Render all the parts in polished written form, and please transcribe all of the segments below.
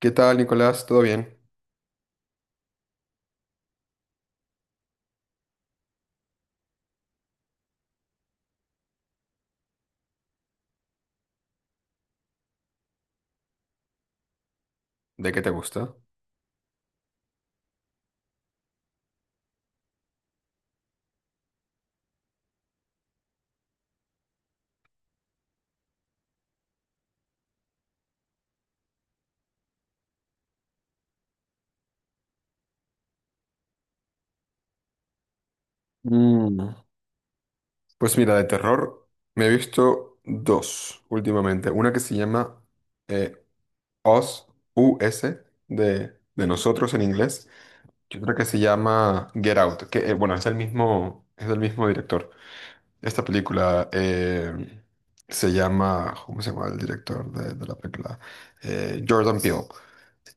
¿Qué tal, Nicolás? ¿Todo bien? ¿De qué te gusta? Mm, pues mira, de terror me he visto dos últimamente. Una que se llama eh, Us, U S de nosotros en inglés. Y otra que se llama Get Out, que bueno, es el mismo, es del mismo director. Esta película se llama, ¿cómo se llama el director de la película? Jordan Peele.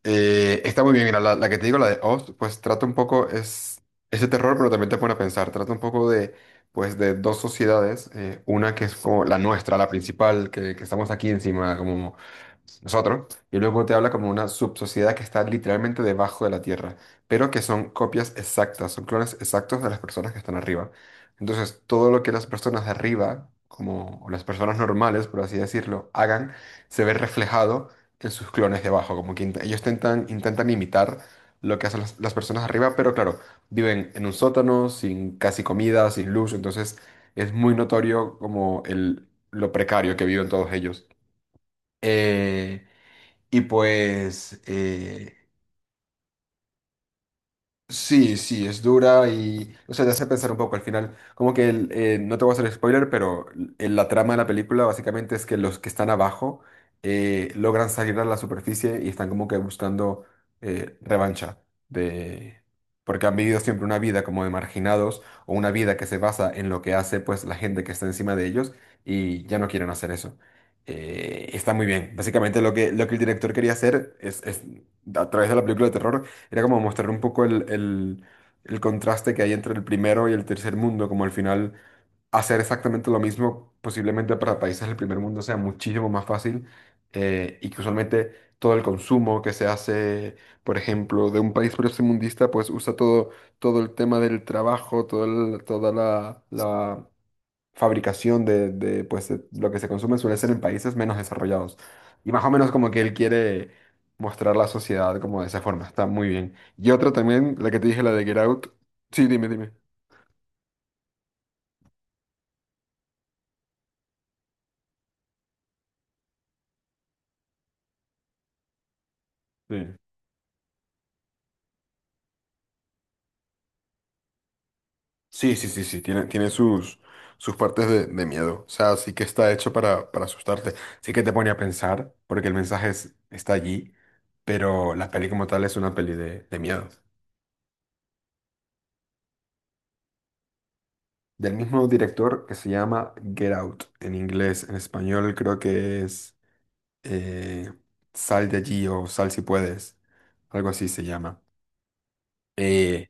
Está muy bien, mira, la que te digo, la de Oz, pues trata un poco, es ese terror, pero también te pone a pensar, trata un poco de, pues, de dos sociedades, una que es como la nuestra, la principal, que estamos aquí encima, como nosotros, y luego te habla como una subsociedad que está literalmente debajo de la Tierra, pero que son copias exactas, son clones exactos de las personas que están arriba. Entonces, todo lo que las personas de arriba, como o las personas normales, por así decirlo, hagan, se ve reflejado en sus clones debajo, como que ellos intentan, intentan imitar lo que hacen las personas arriba, pero claro, viven en un sótano, sin casi comida, sin luz, entonces es muy notorio como el, lo precario que viven todos ellos. Eh, y pues sí, sí, es dura y, o sea, te hace pensar un poco al final. Como que, no te voy a hacer spoiler, pero la trama de la película básicamente es que los que están abajo logran salir a la superficie y están como que buscando revancha de... Porque han vivido siempre una vida como de marginados o una vida que se basa en lo que hace pues la gente que está encima de ellos y ya no quieren hacer eso. Está muy bien. Básicamente lo que el director quería hacer es a través de la película de terror era como mostrar un poco el contraste que hay entre el primero y el tercer mundo, como al final hacer exactamente lo mismo, posiblemente para países del primer mundo sea muchísimo más fácil y que usualmente todo el consumo que se hace, por ejemplo, de un país primermundista, pues usa todo, todo el tema del trabajo, toda la fabricación de pues, de lo que se consume suele ser en países menos desarrollados. Y más o menos como que él quiere mostrar la sociedad como de esa forma. Está muy bien. Y otra también, la que te dije, la de Get Out. Sí, dime, dime. Sí, sí, sí, sí, sí, tiene, tiene sus, sus partes de miedo. O sea, sí que está hecho para asustarte. Sí que te pone a pensar, porque el mensaje está allí, pero la peli como tal es una peli de miedo. Del mismo director que se llama Get Out. En inglés, en español creo que es... eh, sal de allí o sal si puedes, algo así se llama. Eh,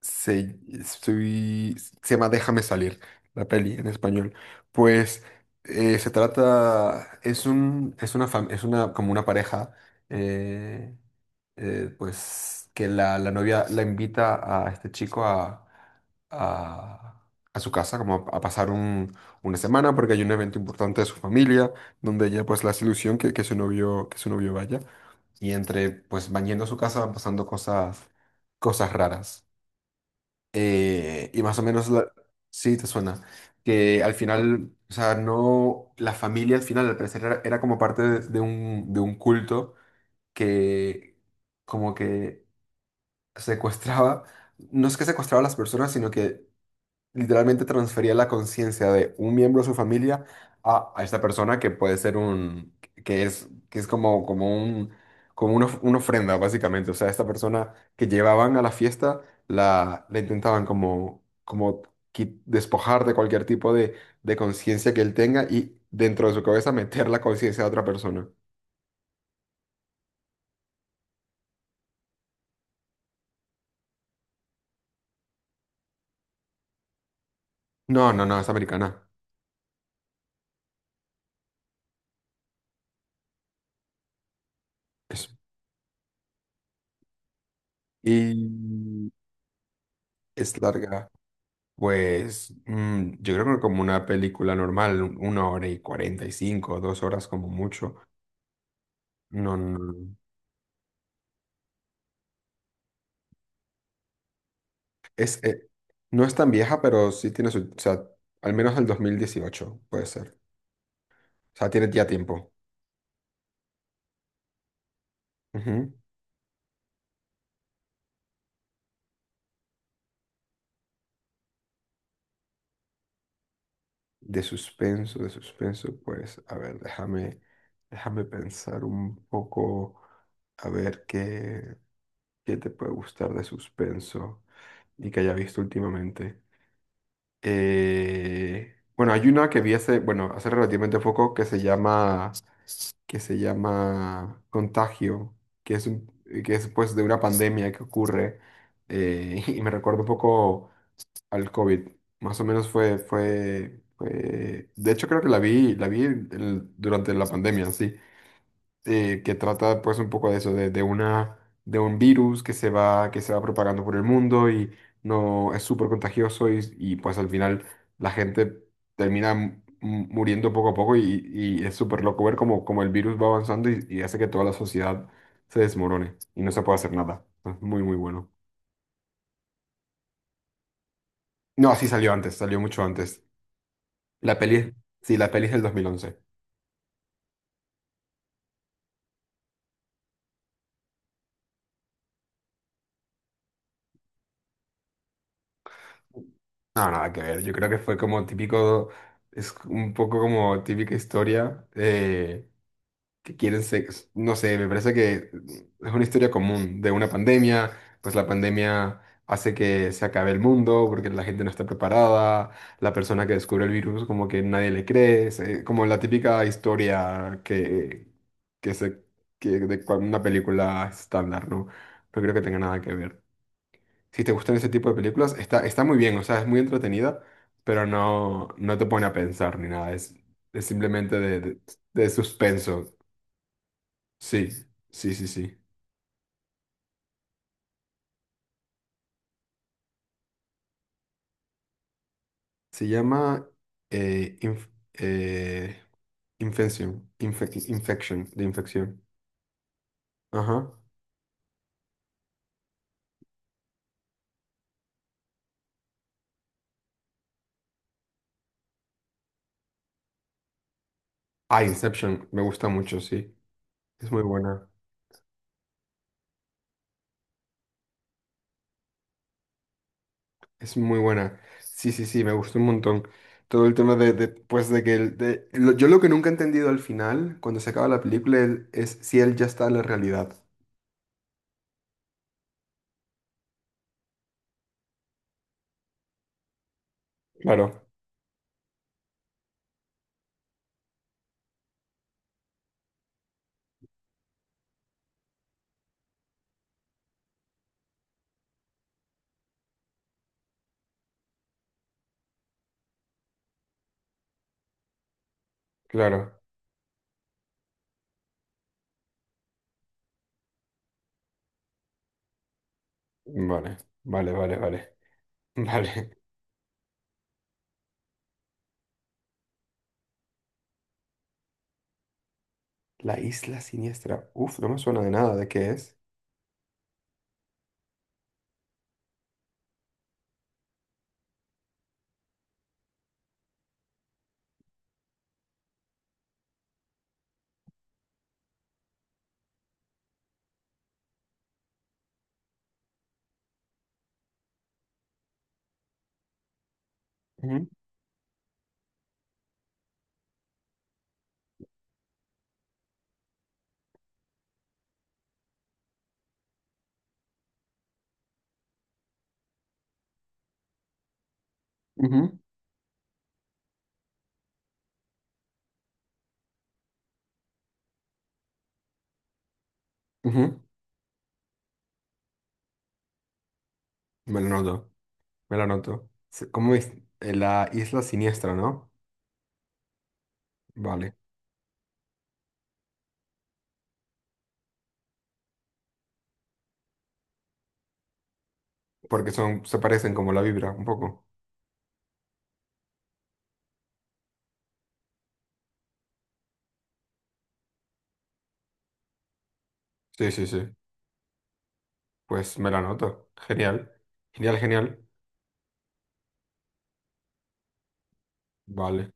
Se, estoy- se llama Déjame salir, la peli en español. Pues se trata, es un, es una, como una pareja, eh, pues que la novia la invita a este chico a, a su casa, como a pasar un- una semana, porque hay un evento importante de su familia, donde ella pues la hace ilusión que, que su novio vaya. Y entre, pues van yendo a su casa, van pasando cosas, cosas raras. Y más o menos, la- sí, te suena. Que al final, o sea, no, la familia al final, al parecer, era como parte de un culto que como que secuestraba, no es que secuestraba a las personas, sino que literalmente transfería la conciencia de un miembro de su familia a esta persona que puede ser un, que es como, como un, como una, una ofrenda, básicamente. O sea, esta persona que llevaban a la fiesta, la intentaban como, como despojar de cualquier tipo de conciencia que él tenga y dentro de su cabeza meter la conciencia de otra persona. No, no, no, es americana. Es- y es larga. Pues mm, yo creo que como una película normal, un- una hora y cuarenta y cinco, dos horas como mucho. No, no, es, no es tan vieja, pero sí tiene su, o sea, al menos del 2018 puede ser. O sea, tiene ya tiempo. Ujú. De suspenso, pues, a ver, déjame, déjame pensar un poco, a ver qué, qué te puede gustar de suspenso y que haya visto últimamente. Bueno, hay una que vi hace, bueno, hace relativamente poco que se llama Contagio, que es un- que es pues de una pandemia que ocurre y me recuerda un poco al COVID. Más o menos de hecho creo que la vi, durante la pandemia, sí que trata pues un poco de eso, de una, de un virus que se va propagando por el mundo y no es súper contagioso y, pues al final la gente termina mu- muriendo poco a poco y es súper loco ver cómo, cómo el virus va avanzando y hace que toda la sociedad se desmorone y no se puede hacer nada. Es muy, muy bueno. No, sí salió antes, salió mucho antes. La peli, sí, la peli es del 2011. No, nada que ver. Yo creo que fue como típico, es un poco como típica historia. Que quieren sexo. No sé, me parece que es una historia común de una pandemia, pues la pandemia hace que se acabe el mundo porque la gente no está preparada, la persona que descubre el virus como que nadie le cree, como la típica historia que, que se, que una película estándar, ¿no? No creo que tenga nada que ver. Si te gustan ese tipo de películas, está, está muy bien, o sea, es muy entretenida, pero no, no te pone a pensar ni nada, es simplemente de suspenso. Sí, sí, sí, sí. Se llama eh, inf- eh, Infection, Infection, de infección. Ajá. Ah, Inception, me gusta mucho, sí. Es muy buena, es muy buena. Sí, sí, sí, me gustó un montón. Todo el tema de, pues, de que... yo lo que nunca he entendido al final, cuando se acaba la película, él- es si él ya está en la realidad. Claro, claro. Vale, vale, vale, vale. Vale. La isla siniestra. Uf, no me suena de nada. ¿De qué es? Ujú, ujú. Ujú, me lo noto, me lo noto. Se- ¿Cómo es? La isla siniestra, ¿no? Vale. Porque son, se parecen como la vibra, un poco. Sí, sí, sí. Pues me la noto. Genial. Genial, genial. Vale.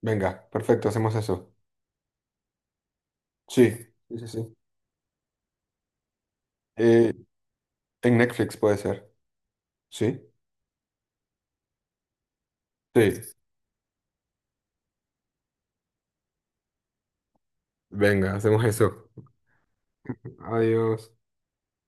Venga, perfecto, hacemos eso. Sí, sí, sí, sí. Eh, en Netflix puede ser. Sí. Sí. Venga, hacemos eso. Adiós.